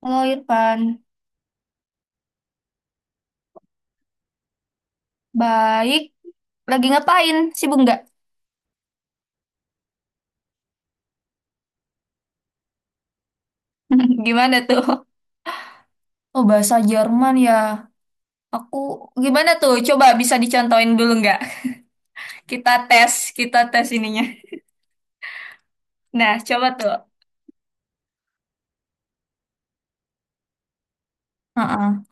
Halo Irfan, baik. Lagi ngapain? Sibuk nggak? Gimana tuh? Oh, bahasa Jerman ya. Aku gimana tuh? Coba bisa dicontohin dulu nggak? Kita tes ininya. Nah, coba tuh. Heeh.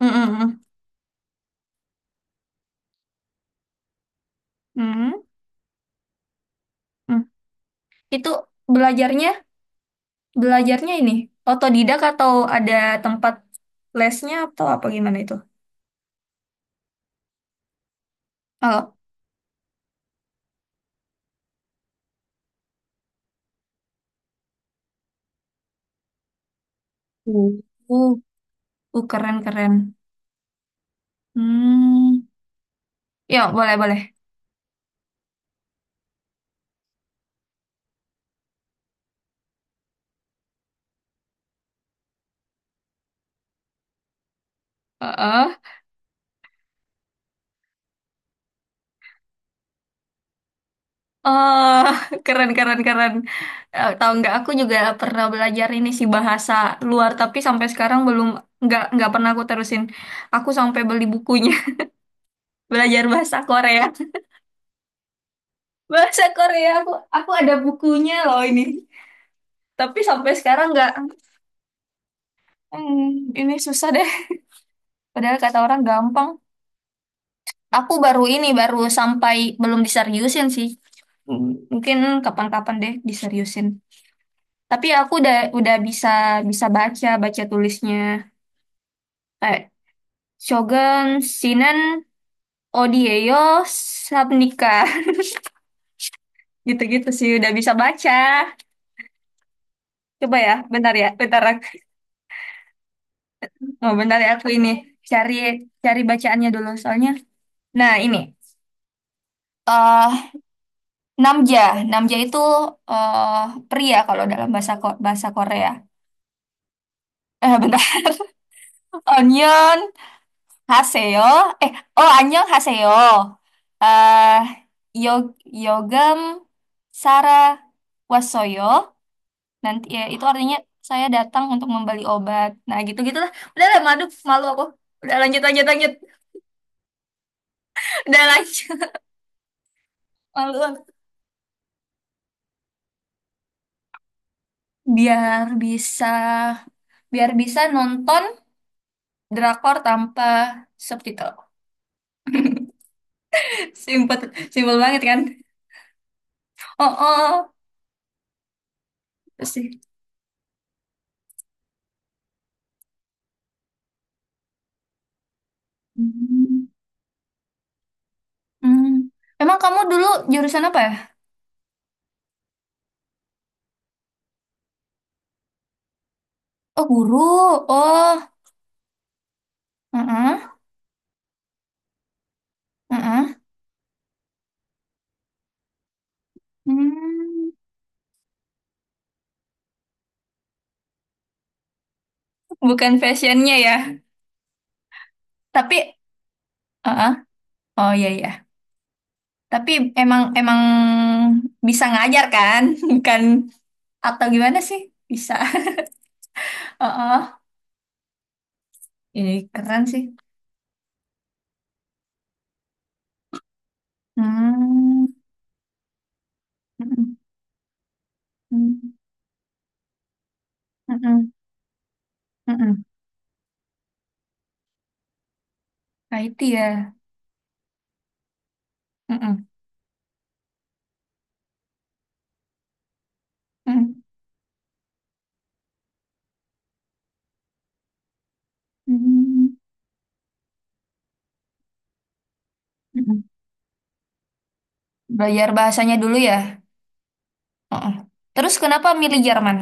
Mm, mm, mm. Mm, mm. Itu belajarnya, belajarnya ini otodidak atau ada tempat lesnya atau apa gimana itu? Oh, uh, uh, keren keren. Hmm, ya boleh boleh. Heeh. Oh, keren, keren, keren. Eh, tahu nggak? Aku juga pernah belajar ini sih bahasa luar, tapi sampai sekarang belum nggak pernah aku terusin. Aku sampai beli bukunya belajar bahasa Korea. Bahasa Korea aku ada bukunya loh ini. Tapi sampai sekarang nggak. Hmm, ini susah deh. Padahal kata orang gampang. Aku baru ini baru sampai belum diseriusin sih. Hmm, mungkin kapan-kapan deh diseriusin. Tapi aku udah bisa bisa baca baca tulisnya. Shogun, Shinen, Odieyo, Sabnika. Gitu-gitu sih udah bisa baca. Coba ya, bentar ya, oh, bentar ya aku ini cari cari bacaannya dulu soalnya. Nah, ini. eh Namja. Namja itu eh pria kalau dalam bahasa Korea. Eh, bentar. Onyeon Haseyo. Eh, oh, Annyeong Haseyo. Eh Yog Yogam Sara Wasoyo. Nanti ya, itu artinya saya datang untuk membeli obat. Nah, gitu-gitulah. Udah lah, malu malu aku. Udah, lanjut lanjut lanjut. Udah lanjut. Malu aku. Biar bisa, biar bisa nonton drakor tanpa subtitle. Simpel simpel banget kan? Oh, oh, oh. Terus sih. Hmm. Hmm. Emang kamu dulu jurusan apa ya? Oh, guru. Oh, heeh, heeh. Hmm. Bukan fashionnya ya. Tapi, heeh. Oh, iya, iya. Tapi emang emang bisa ngajar kan? Bukan atau gimana sih? Bisa. Oh, oh. Ini keren sih. Hmm. Mm-mm. Mm-mm. Mm-mm. Mm-mm. Nah, ya. Mm-mm. Mm-mm. Mm-mm. Mm-mm. Belajar bahasanya dulu ya. Oh, oh. Terus kenapa milih Jerman?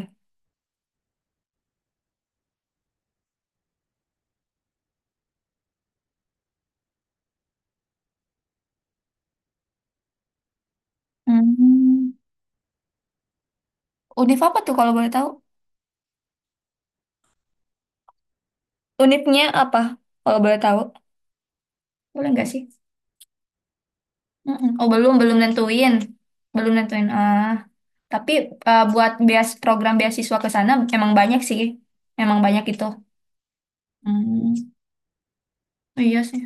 Hmm. Univ apa tuh kalau boleh tahu? Univnya apa? Kalau boleh tahu. Boleh nggak sih? Mm-mm. Oh, belum belum nentuin. Belum nentuin. Ah. Tapi buat program beasiswa ke sana emang banyak sih. Emang banyak itu. Hmm, iya sih.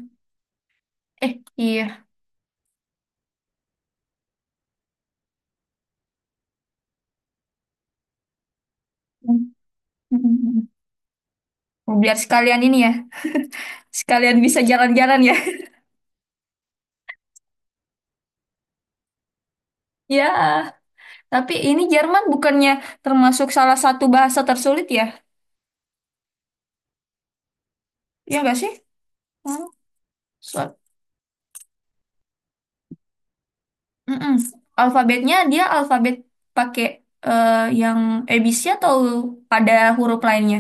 Eh, iya. Hmm. Biar sekalian ini ya. Sekalian bisa jalan-jalan ya. Ya, tapi ini Jerman bukannya termasuk salah satu bahasa tersulit ya? Iya nggak sih? Hmm. So, mm-mm. Alfabetnya dia alfabet pakai eh, yang ABC atau ada huruf lainnya?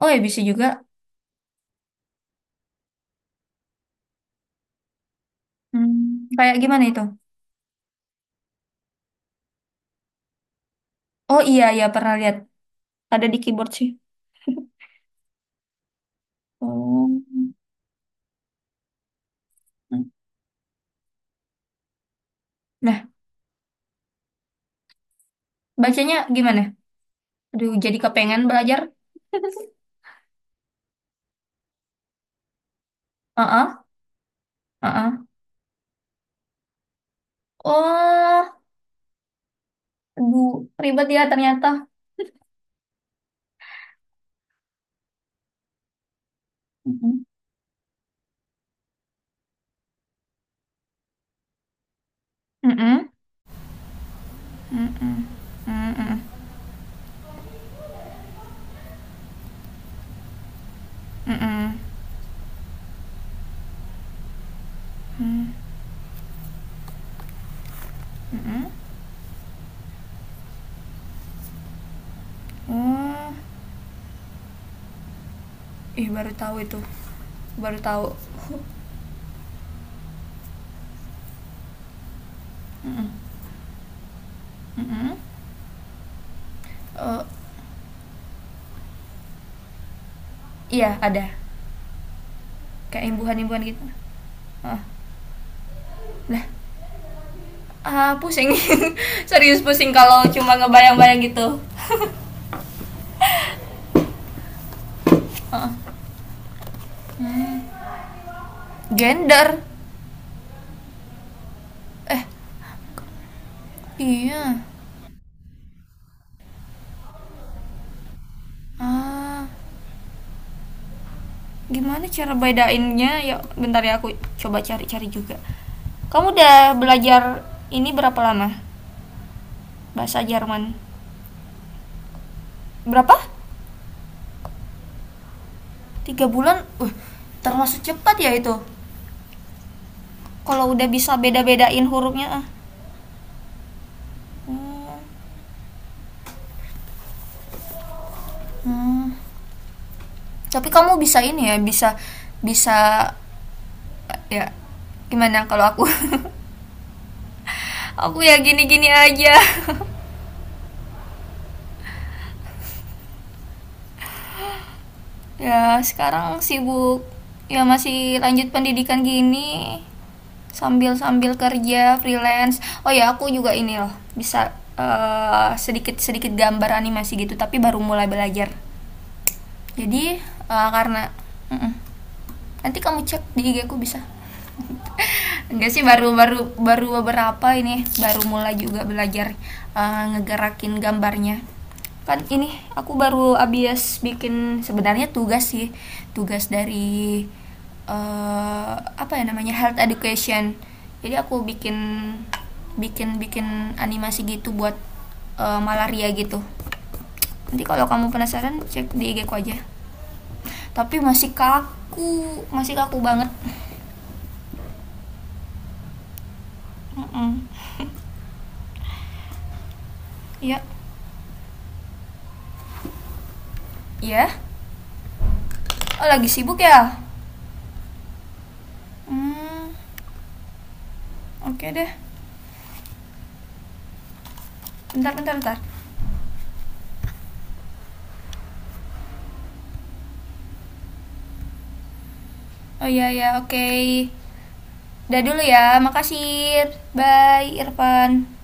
Oh, ABC juga. Hmm. Kayak gimana itu? Oh iya, iya pernah lihat. Ada di keyboard sih. Oh. Nah, bacanya gimana? Aduh, jadi kepengen belajar. Heeh, heeh. Oh, aduh, ribet ya ternyata. Mm-mm. Mm-mm. Mm-mm. Mm-mm. Mm-mm. Mm-mm. Oh, ih baru tahu itu. Baru tahu. Mm-mm. Mm-mm. Oh, iya ada. Kayak imbuhan-imbuhan gitu. Ah, lah, ah, pusing. Serius pusing kalau cuma ngebayang-bayang gitu. Gender. Iya. Ah, gimana cara bedainnya? Ya, bentar ya aku coba cari-cari juga. Kamu udah belajar ini berapa lama? Bahasa Jerman. Berapa? Tiga bulan. Termasuk cepat ya itu. Kalau udah bisa beda-bedain hurufnya. Ah. Hmm. Hmm. Tapi kamu bisa ini ya, bisa bisa ya gimana kalau aku aku ya gini-gini aja Ya sekarang sibuk ya masih lanjut pendidikan gini sambil sambil kerja freelance. Oh ya aku juga ini loh bisa sedikit sedikit gambar animasi gitu tapi baru mulai belajar. Jadi eh, karena Mm-mm. Nanti kamu cek di IG aku bisa. Enggak sih baru baru baru beberapa ini baru mulai juga belajar ngegerakin gambarnya. Kan ini aku baru abis bikin sebenarnya tugas sih tugas dari apa ya namanya health education. Jadi aku bikin bikin bikin animasi gitu buat malaria gitu. Nanti kalau kamu penasaran cek di IG ku aja. Tapi masih kaku banget. Mm-mm. Iya. Iya. Oh lagi sibuk ya? Hmm, oke okay deh. Bentar, bentar, bentar. Oh iya, iya, oke. Okay. Udah dulu ya, makasih. Bye, Irfan.